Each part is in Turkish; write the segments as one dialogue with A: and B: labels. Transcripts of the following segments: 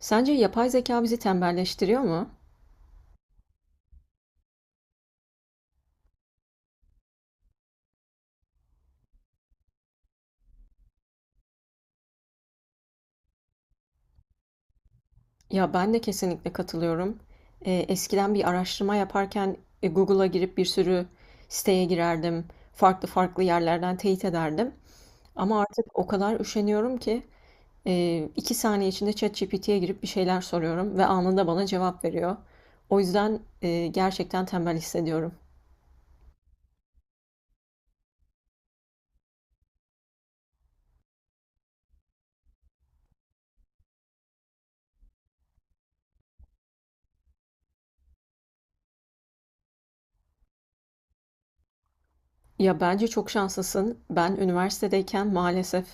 A: Sence yapay zeka bizi tembelleştiriyor mu? Ya ben de kesinlikle katılıyorum. Eskiden bir araştırma yaparken Google'a girip bir sürü siteye girerdim. Farklı farklı yerlerden teyit ederdim. Ama artık o kadar üşeniyorum ki iki saniye içinde ChatGPT'ye girip bir şeyler soruyorum ve anında bana cevap veriyor. O yüzden gerçekten tembel hissediyorum. Ya bence çok şanslısın. Ben üniversitedeyken maalesef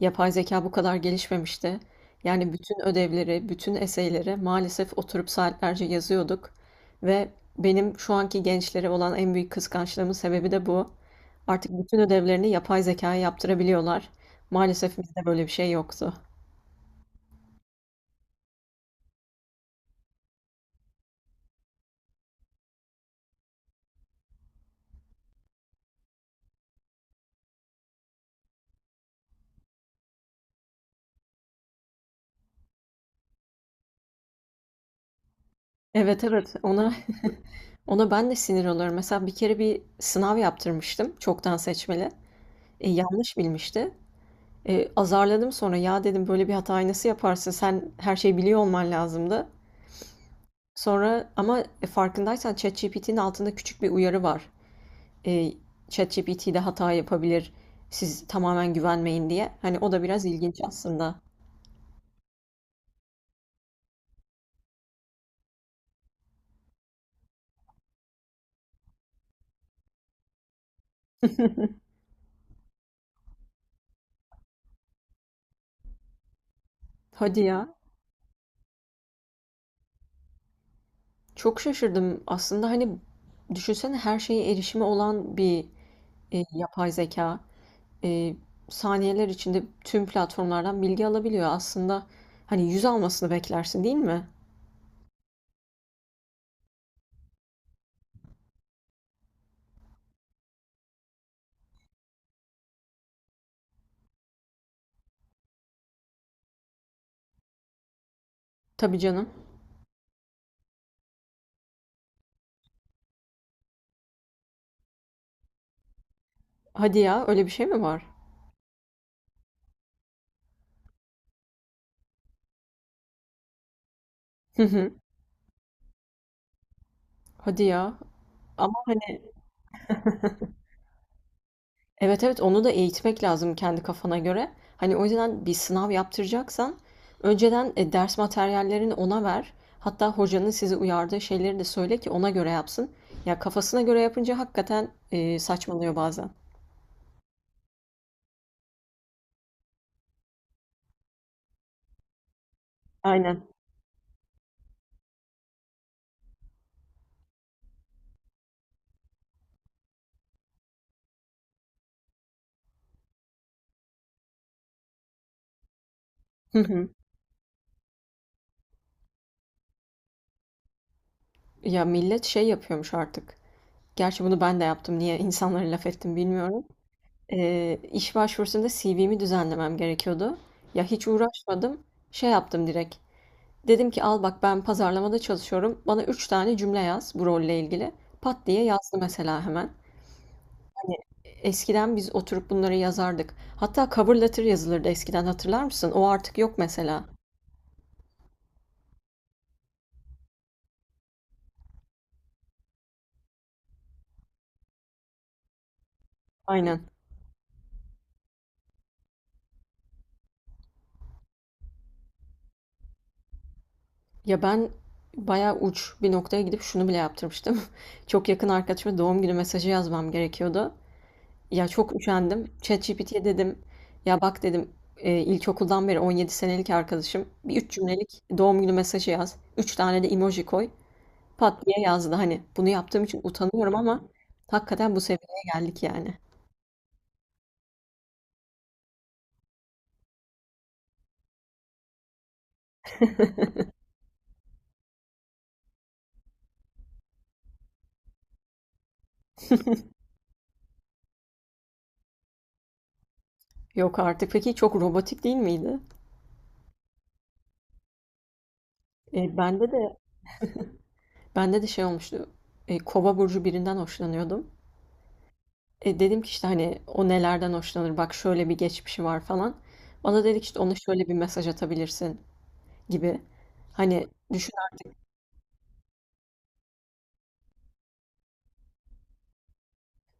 A: yapay zeka bu kadar gelişmemişti. Yani bütün ödevleri, bütün eseyleri maalesef oturup saatlerce yazıyorduk. Ve benim şu anki gençlere olan en büyük kıskançlığımın sebebi de bu. Artık bütün ödevlerini yapay zekaya yaptırabiliyorlar. Maalesef bizde böyle bir şey yoktu. Evet evet, ona ona ben de sinir oluyorum. Mesela bir kere bir sınav yaptırmıştım çoktan seçmeli. Yanlış bilmişti. Azarladım sonra. Ya dedim böyle bir hatayı nasıl yaparsın? Sen her şeyi biliyor olman lazımdı. Sonra ama farkındaysan ChatGPT'nin altında küçük bir uyarı var. Eee ChatGPT de hata yapabilir. Siz tamamen güvenmeyin diye. Hani o da biraz ilginç aslında. Hadi ya. Çok şaşırdım. Aslında hani düşünsene her şeye erişimi olan bir yapay zeka e, saniyeler içinde tüm platformlardan bilgi alabiliyor. Aslında hani yüz almasını beklersin değil mi? Tabii canım. Hadi ya, öyle bir şey mi var? Hı hı. Hadi ya. Ama hani evet evet, onu da eğitmek lazım kendi kafana göre. Hani o yüzden bir sınav yaptıracaksan önceden ders materyallerini ona ver. Hatta hocanın sizi uyardığı şeyleri de söyle ki ona göre yapsın. Ya kafasına göre yapınca hakikaten saçmalıyor bazen. Aynen. Hı hı. Ya millet şey yapıyormuş artık. Gerçi bunu ben de yaptım. Niye insanlara laf ettim bilmiyorum. İş başvurusunda CV'mi düzenlemem gerekiyordu. Ya hiç uğraşmadım. Şey yaptım direkt. Dedim ki al bak ben pazarlamada çalışıyorum. Bana üç tane cümle yaz bu rolle ilgili. Pat diye yazdı mesela hemen. Hani eskiden biz oturup bunları yazardık. Hatta cover letter yazılırdı eskiden, hatırlar mısın? O artık yok mesela. Aynen. Ya ben bayağı uç bir noktaya gidip şunu bile yaptırmıştım. Çok yakın arkadaşıma doğum günü mesajı yazmam gerekiyordu. Ya çok üşendim. ChatGPT'ye dedim. Ya bak dedim ilkokuldan beri 17 senelik arkadaşım. Bir üç cümlelik doğum günü mesajı yaz. Üç tane de emoji koy. Pat diye yazdı. Hani bunu yaptığım için utanıyorum ama hakikaten bu seviyeye geldik yani. Yok artık. Peki çok robotik değil miydi? E, bende de bende de şey olmuştu. Kova burcu birinden hoşlanıyordum. Dedim ki işte hani o nelerden hoşlanır? Bak şöyle bir geçmişi var falan. Bana dedik işte ona şöyle bir mesaj atabilirsin gibi. Hani düşün.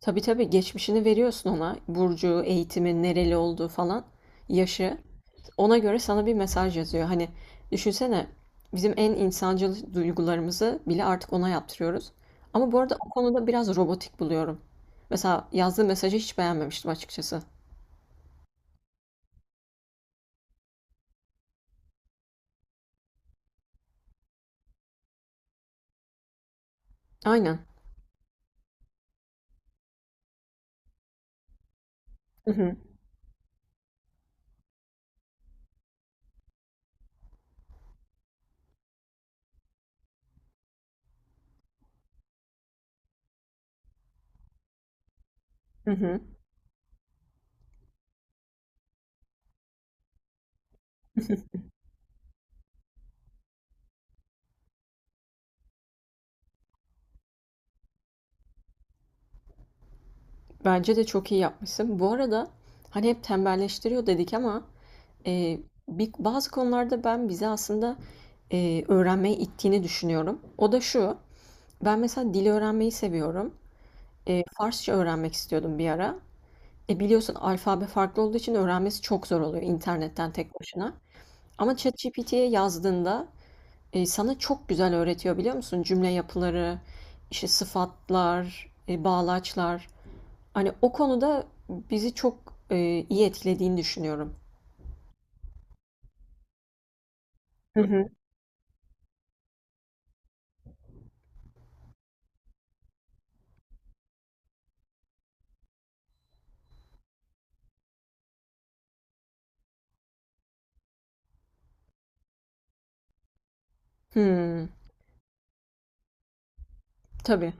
A: Tabii tabii, geçmişini veriyorsun ona. Burcu, eğitimi, nereli olduğu falan, yaşı. Ona göre sana bir mesaj yazıyor. Hani düşünsene bizim en insancıl duygularımızı bile artık ona yaptırıyoruz. Ama bu arada o konuda biraz robotik buluyorum. Mesela yazdığı mesajı hiç beğenmemiştim açıkçası. Aynen. Hı hı. Hı hı. Bence de çok iyi yapmışsın. Bu arada hani hep tembelleştiriyor dedik ama e, bazı konularda ben bizi aslında öğrenmeye ittiğini düşünüyorum. O da şu, ben mesela dil öğrenmeyi seviyorum. Farsça öğrenmek istiyordum bir ara. Biliyorsun alfabe farklı olduğu için öğrenmesi çok zor oluyor internetten tek başına. Ama ChatGPT'ye yazdığında sana çok güzel öğretiyor biliyor musun? Cümle yapıları, işte sıfatlar, bağlaçlar. Hani o konuda bizi çok, iyi etkilediğini düşünüyorum. Hı hı. Hımm. Tabii.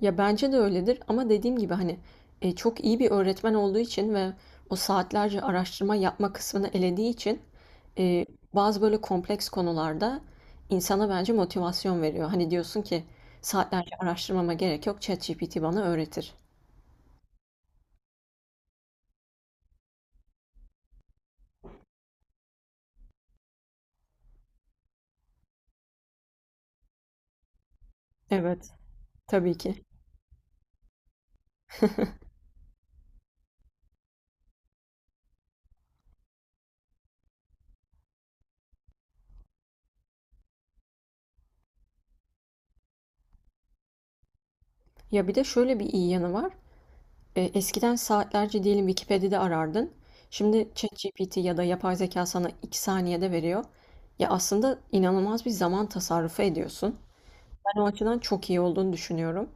A: Ya, bence de öyledir ama dediğim gibi, hani, çok iyi bir öğretmen olduğu için ve o saatlerce araştırma yapma kısmını elediği için, eee, bazı böyle kompleks konularda insana bence motivasyon veriyor. Hani, diyorsun ki saatlerce araştırmama gerek yok, ChatGPT bana öğretir. Evet, tabii ki. Ya, bir de şöyle bir iyi yanı var. Eskiden saatlerce diyelim Wikipedia'da arardın. Şimdi ChatGPT ya da yapay zeka sana 2 saniyede veriyor. Ya aslında inanılmaz bir zaman tasarrufu ediyorsun. Ben o açıdan çok iyi olduğunu düşünüyorum.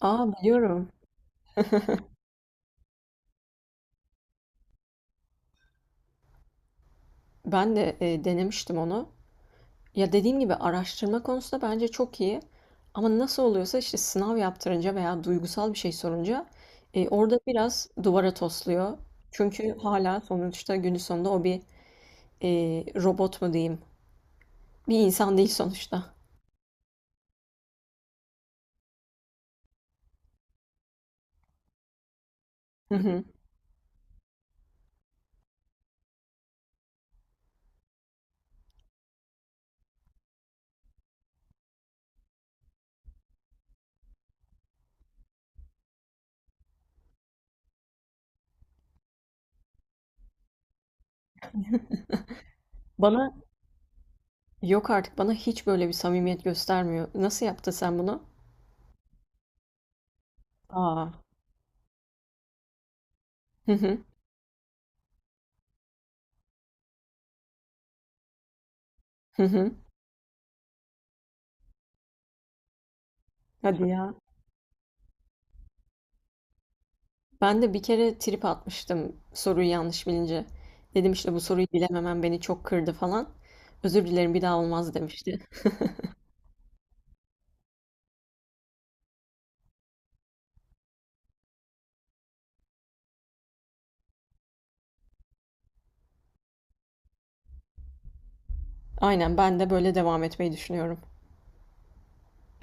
A: Aa, biliyorum. Ben de denemiştim onu. Ya dediğim gibi araştırma konusunda bence çok iyi. Ama nasıl oluyorsa işte sınav yaptırınca veya duygusal bir şey sorunca orada biraz duvara tosluyor. Çünkü hala sonuçta günün sonunda o bir e, robot mu diyeyim? Bir insan değil sonuçta. Hı hı. Bana, yok artık, bana hiç böyle bir samimiyet göstermiyor. Nasıl yaptın sen bunu? Aa. Hı hı. Hı hı. Hadi ya. Ben de bir kere trip atmıştım soruyu yanlış bilince. Dedim işte bu soruyu bilememem beni çok kırdı falan. Özür dilerim bir daha olmaz demişti. Aynen, ben de böyle devam etmeyi düşünüyorum.